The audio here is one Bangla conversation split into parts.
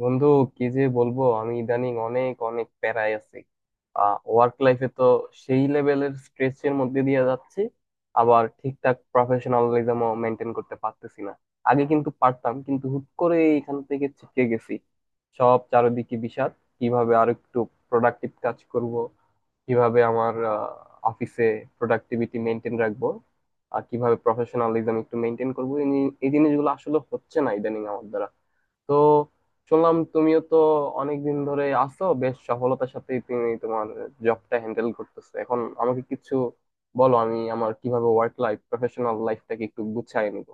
বন্ধু, কি যে বলবো, আমি ইদানিং অনেক অনেক প্যারায় আছি। ওয়ার্ক লাইফে তো সেই লেভেলের স্ট্রেসের মধ্যে দিয়ে যাচ্ছি। আবার ঠিকঠাক প্রফেশনালিজমও মেনটেন করতে পারতেছি না। আগে কিন্তু পারতাম, কিন্তু হুট করে এখান থেকে ছিটকে গেছি। সব চারিদিকে বিষাদ। কিভাবে আর একটু প্রোডাক্টিভ কাজ করব, কিভাবে আমার অফিসে প্রোডাক্টিভিটি মেনটেন রাখবো, আর কিভাবে প্রফেশনালিজম একটু মেনটেন করবো এই জিনিসগুলো আসলে হচ্ছে না ইদানিং আমার দ্বারা। তো শুনলাম তুমিও তো অনেকদিন ধরে আছো, বেশ সফলতার সাথে তুমি তোমার জবটা হ্যান্ডেল করতেছো। এখন আমাকে কিছু বলো, আমি আমার কিভাবে ওয়ার্ক লাইফ, প্রফেশনাল লাইফটাকে একটু গুছায় নিব।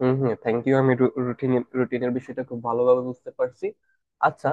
হম, হম, থ্যাংক ইউ। আমি রুটিনের রুটিনের বিষয়টা খুব ভালোভাবে বুঝতে পারছি। আচ্ছা,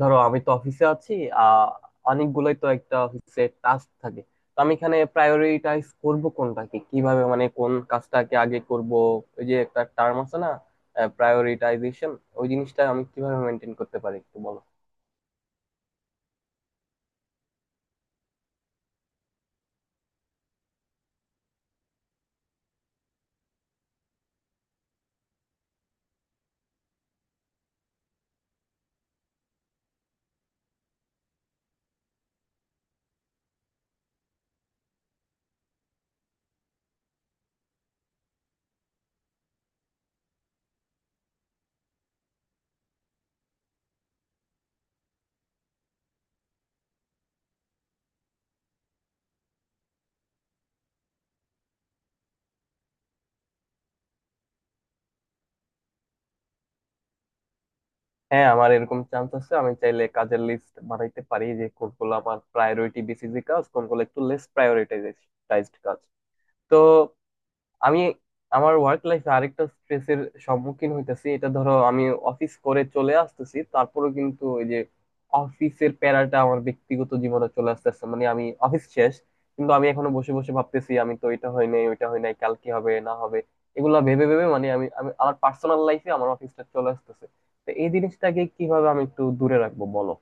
ধরো আমি তো অফিসে আছি। আহ অনেকগুলোই তো একটা অফিসে টাস্ক থাকে। তো আমি এখানে প্রায়োরিটাইজ করব কোনটাকে কিভাবে, মানে কোন কাজটাকে আগে করব। ওই যে একটা টার্ম আছে না, প্রায়োরিটাইজেশন, ওই জিনিসটা আমি কিভাবে মেনটেন করতে পারি একটু বলো। হ্যাঁ, আমার এরকম চান্স আছে, আমি চাইলে কাজের লিস্ট বানাইতে পারি যে কোনগুলো আমার প্রায়োরিটি বেসিসে কাজ, কোনগুলো একটু লেস প্রায়োরিটাইজড কাজ। তো আমি আমার ওয়ার্ক লাইফে আরেকটা স্ট্রেসের সম্মুখীন হইতেছি। এটা ধরো আমি অফিস করে চলে আসতেছি, তারপরেও কিন্তু ওই যে অফিসের প্যারাটা আমার ব্যক্তিগত জীবনে চলে আসতেছে। মানে আমি অফিস শেষ, কিন্তু আমি এখনো বসে বসে ভাবতেছি আমি তো এটা হয় নাই, ওইটা হয় নাই, কাল কি হবে না হবে। এগুলা ভেবে ভেবে মানে আমি আমি আমার পার্সোনাল লাইফে আমার অফিসটা চলে আসতেছে। তো এই জিনিসটাকে কিভাবে আমি একটু দূরে রাখবো বলো।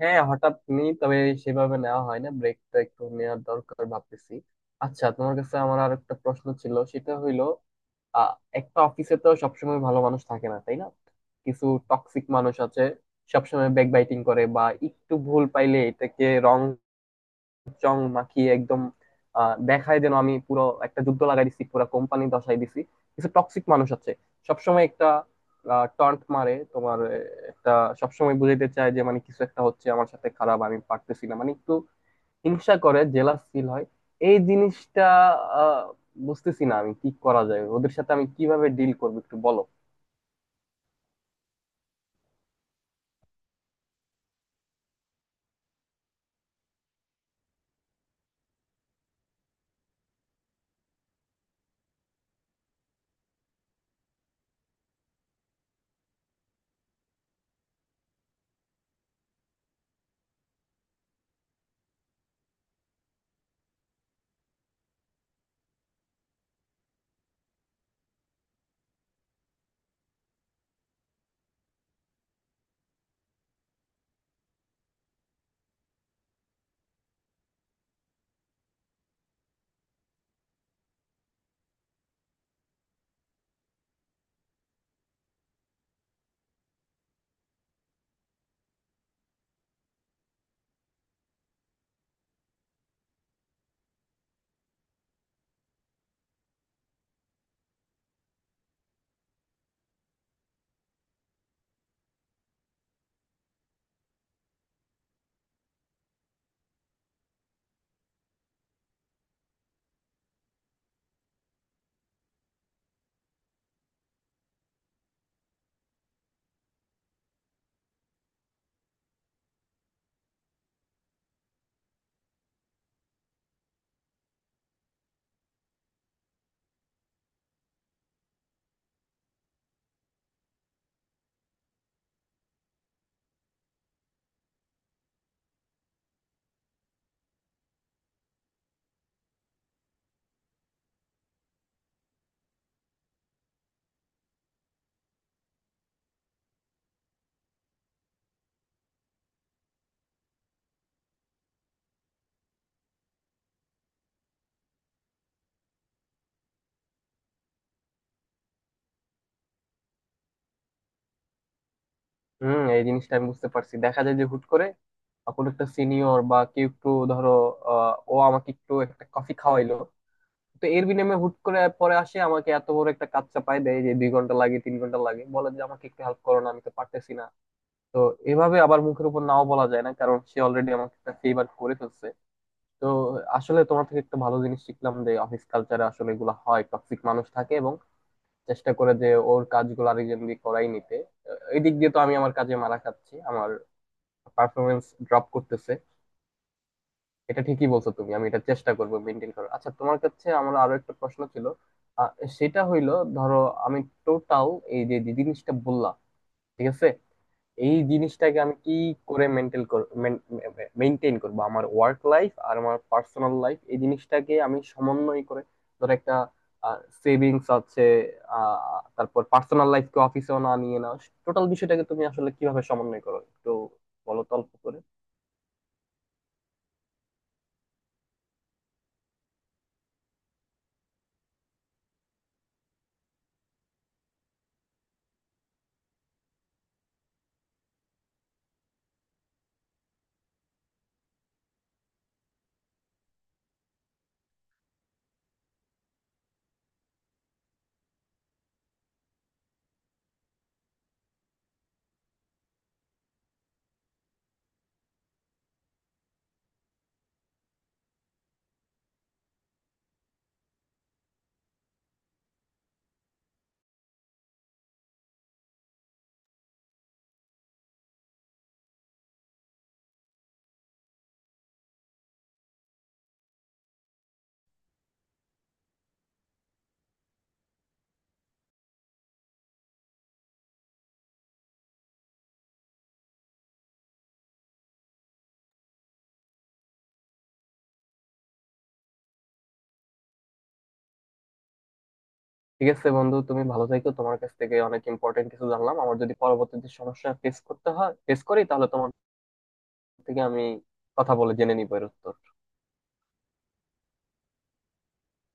হ্যাঁ, হঠাৎ নি, তবে সেভাবে নেওয়া হয় না, ব্রেকটা একটু নেওয়ার দরকার ভাবতেছি। আচ্ছা, তোমার কাছে আমার আর একটা প্রশ্ন ছিল, সেটা হইলো আহ একটা অফিসে তো সবসময় ভালো মানুষ থাকে না, তাই না? কিছু টক্সিক মানুষ আছে সবসময় ব্যাকবাইটিং করে, বা একটু ভুল পাইলে এটাকে রং চং মাখিয়ে একদম দেখায় যেন আমি পুরো একটা যুদ্ধ লাগাই দিছি, পুরো কোম্পানি দশাই দিছি। কিছু টক্সিক মানুষ আছে সবসময় একটা টন্ট মারে তোমার। একটা সবসময় বুঝাইতে চায় যে মানে কিছু একটা হচ্ছে আমার সাথে খারাপ, আমি পারতেছি না, মানে একটু হিংসা করে, জেলাস ফিল হয়। এই জিনিসটা আহ, বুঝতেছি না আমি, কি করা যায় ওদের সাথে, আমি কিভাবে ডিল করবো একটু বলো। হুম, এই জিনিসটা আমি বুঝতে পারছি। দেখা যায় যে হুট করে কোনো একটা সিনিয়র বা কেউ একটু ধরো ও আমাকে একটু একটা কফি খাওয়াইলো, তো এর বিনিময়ে হুট করে পরে আসে আমাকে এত বড় একটা কাজ চাপায় দেয় যে দুই ঘন্টা লাগে, তিন ঘন্টা লাগে, বলে যে আমাকে একটু হেল্প করো না, আমি তো পারতেছি না। তো এভাবে আবার মুখের উপর নাও বলা যায় না, কারণ সে অলরেডি আমাকে একটা ফেভার করে ফেলছে। তো আসলে তোমার থেকে একটা ভালো জিনিস শিখলাম, যে অফিস কালচারে আসলে এগুলো হয়, টক্সিক মানুষ থাকে এবং চেষ্টা করে যে ওর কাজগুলো আরেকজন দিয়ে করাই নিতে। এই দিক দিয়ে তো আমি আমার কাজে মারা খাচ্ছি, আমার পারফরমেন্স ড্রপ করতেছে। এটা ঠিকই বলছো তুমি, আমি এটা চেষ্টা করব মেনটেন করার। আচ্ছা, তোমার কাছে আমার আরো একটা প্রশ্ন ছিল। আহ, সেটা হইলো ধরো আমি টোটাল এই যে যে জিনিসটা বললাম, ঠিক আছে, এই জিনিসটাকে আমি কি করে মেনটেন করব আমার ওয়ার্ক লাইফ আর আমার পার্সোনাল লাইফ, এই জিনিসটাকে আমি সমন্বয় করে, ধরো একটা সেভিংস আছে, তারপর পার্সোনাল লাইফকে অফিসেও না নিয়ে, না, টোটাল বিষয়টাকে তুমি আসলে কিভাবে সমন্বয় করো একটু বলো তো অল্প করে। ঠিক আছে বন্ধু, তুমি ভালো থেকো। তোমার কাছ থেকে অনেক ইম্পর্টেন্ট কিছু জানলাম। আমার যদি পরবর্তীতে সমস্যা ফেস করতে হয়, ফেস করি, তাহলে তোমার থেকে আমি কথা বলে জেনে নিবো এর উত্তর।